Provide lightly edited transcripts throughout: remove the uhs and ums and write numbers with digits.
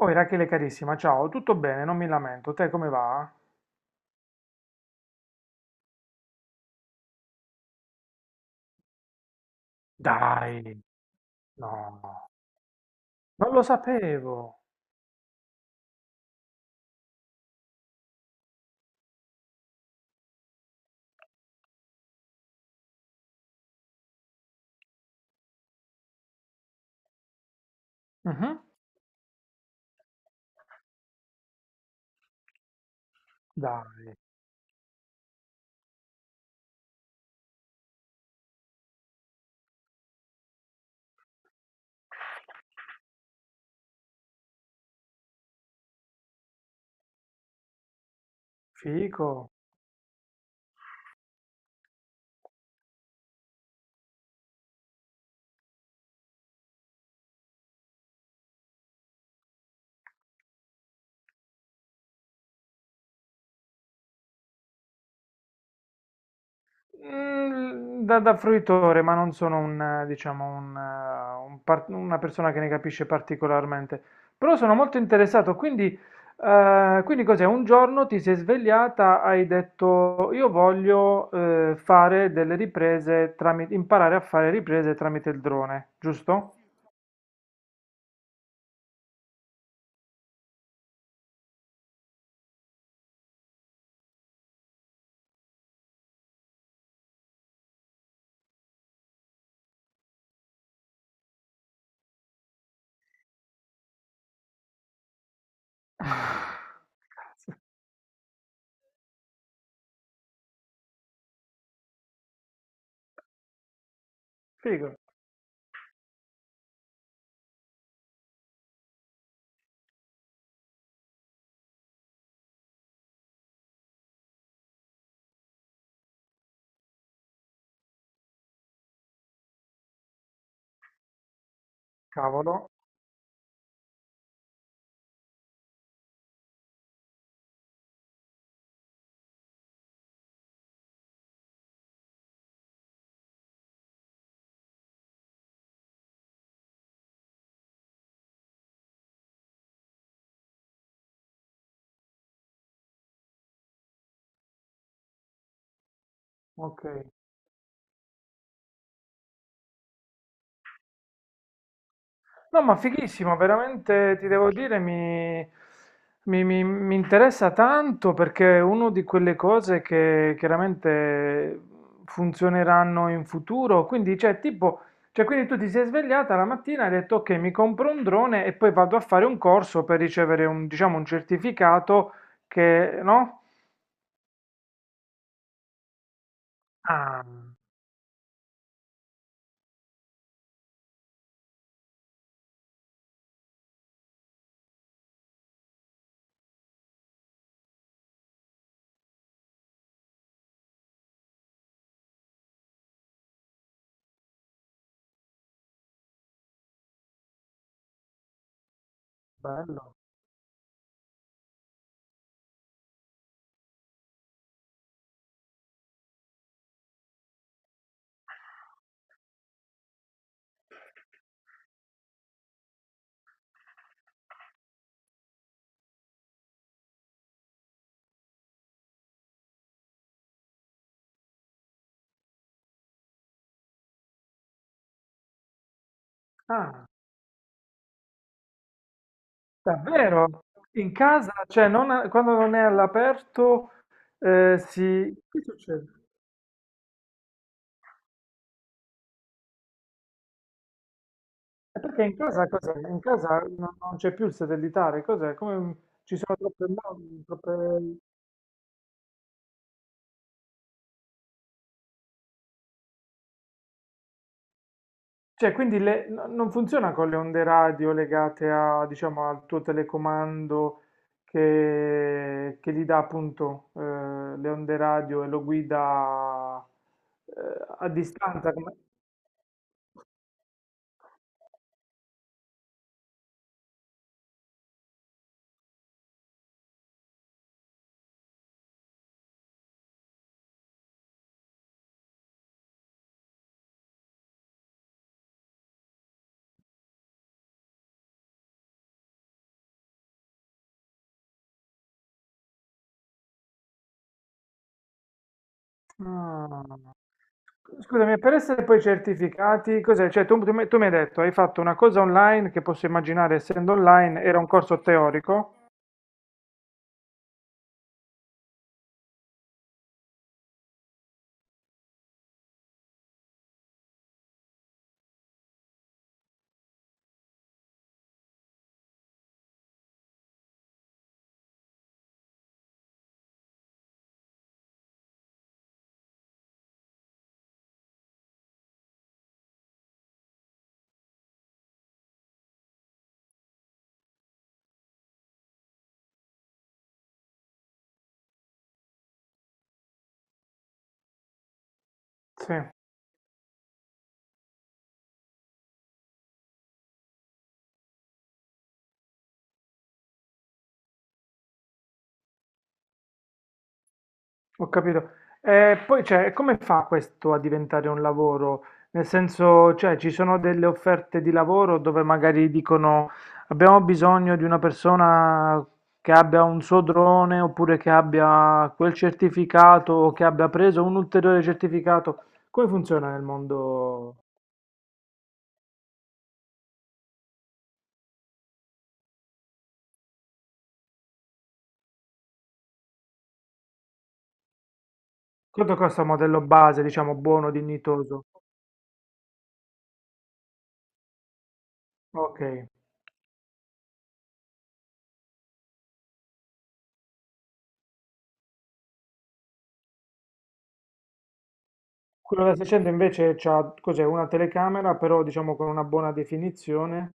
Oh, Irachele carissima, ciao, tutto bene, non mi lamento. Te come va? Dai, no, non lo sapevo. Mhm. Dai, fico. Da fruitore, ma non sono un, diciamo, un, una persona che ne capisce particolarmente. Però sono molto interessato, quindi, quindi cos'è? Un giorno ti sei svegliata, hai detto io voglio fare delle riprese tramite, imparare a fare riprese tramite il drone, giusto? Cazzo, figo, cavolo, ok. No, ma fighissimo, veramente ti devo dire, mi interessa tanto perché è una di quelle cose che chiaramente funzioneranno in futuro. Quindi, cioè, tipo, cioè, quindi tu ti sei svegliata la mattina e hai detto, ok, mi compro un drone e poi vado a fare un corso per ricevere un, diciamo, un certificato che, no? Ah, bello. Ah, davvero? In casa? Cioè, non a- quando non è all'aperto, si... Che succede? E perché in casa cos'è? In casa non c'è più il satellitare, cos'è? Come ci sono troppe... Cioè, quindi non funziona con le onde radio legate a, diciamo, al tuo telecomando che gli dà appunto, le onde radio e lo guida, a distanza. Come... Ah. Scusami, per essere poi certificati, cos'è? Cioè, tu mi hai detto, hai fatto una cosa online che, posso immaginare essendo online, era un corso teorico? Sì. Ho capito. E poi, cioè, come fa questo a diventare un lavoro? Nel senso, cioè, ci sono delle offerte di lavoro dove magari dicono abbiamo bisogno di una persona che abbia un suo drone oppure che abbia quel certificato o che abbia preso un ulteriore certificato. Come funziona nel mondo? Quanto costa un modello base, diciamo, buono, dignitoso? Ok. Quello da 600 invece ha, cos'è, una telecamera, però diciamo con una buona definizione.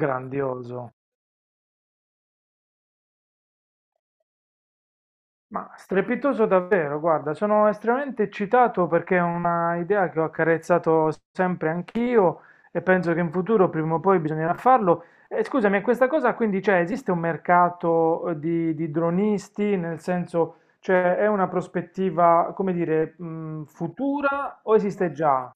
Grandioso, ma strepitoso davvero, guarda, sono estremamente eccitato perché è una idea che ho accarezzato sempre anch'io e penso che in futuro prima o poi bisognerà farlo. E scusami, e questa cosa quindi c'è, esiste un mercato, di dronisti, nel senso, cioè è una prospettiva, come dire, futura o esiste già?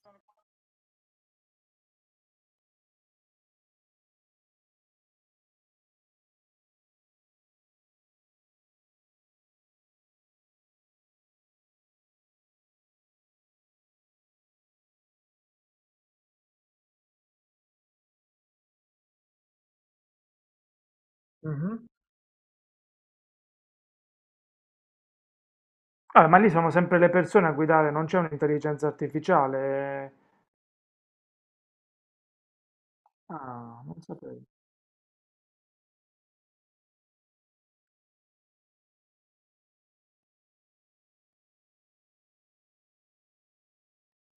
Mhm. Ah, ma lì sono sempre le persone a guidare, non c'è un'intelligenza artificiale. Ah, non sapevo.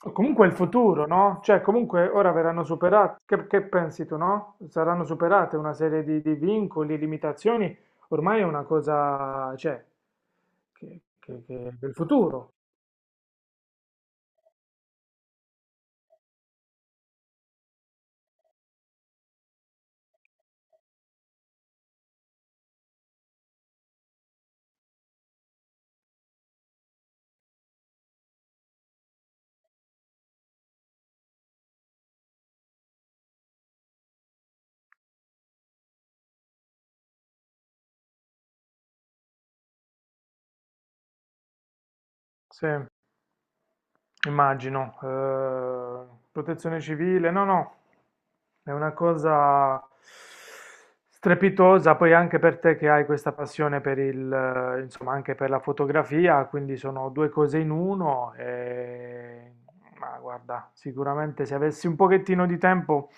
O comunque il futuro, no? Cioè, comunque ora verranno superate, che pensi tu, no? Saranno superate una serie di vincoli, limitazioni, ormai è una cosa, cioè, del futuro. Sì. Immagino. Protezione civile, no, no, è una cosa strepitosa, poi anche per te che hai questa passione per il, insomma, anche per la fotografia, quindi sono due cose in uno. E... Ma guarda, sicuramente se avessi un pochettino di tempo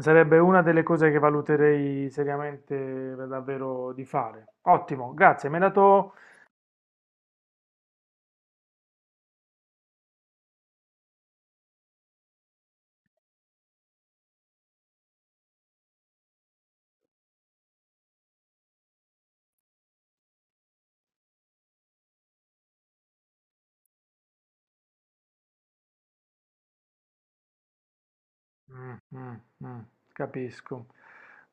sarebbe una delle cose che valuterei seriamente, davvero di fare. Ottimo, grazie, mi hai dato... Mh, mh, mh, capisco.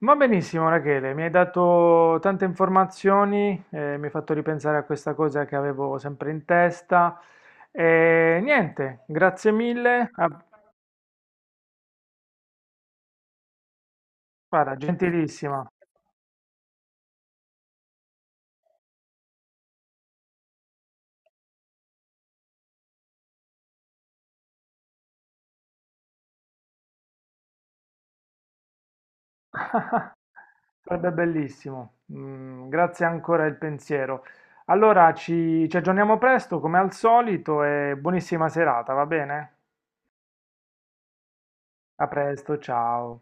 Va benissimo Rachele, mi hai dato tante informazioni, mi hai fatto ripensare a questa cosa che avevo sempre in testa. E niente, grazie mille. Ah, guarda, gentilissima, sarebbe bellissimo. Mm, grazie ancora del pensiero. Allora ci aggiorniamo presto come al solito e buonissima serata, va bene? A presto, ciao.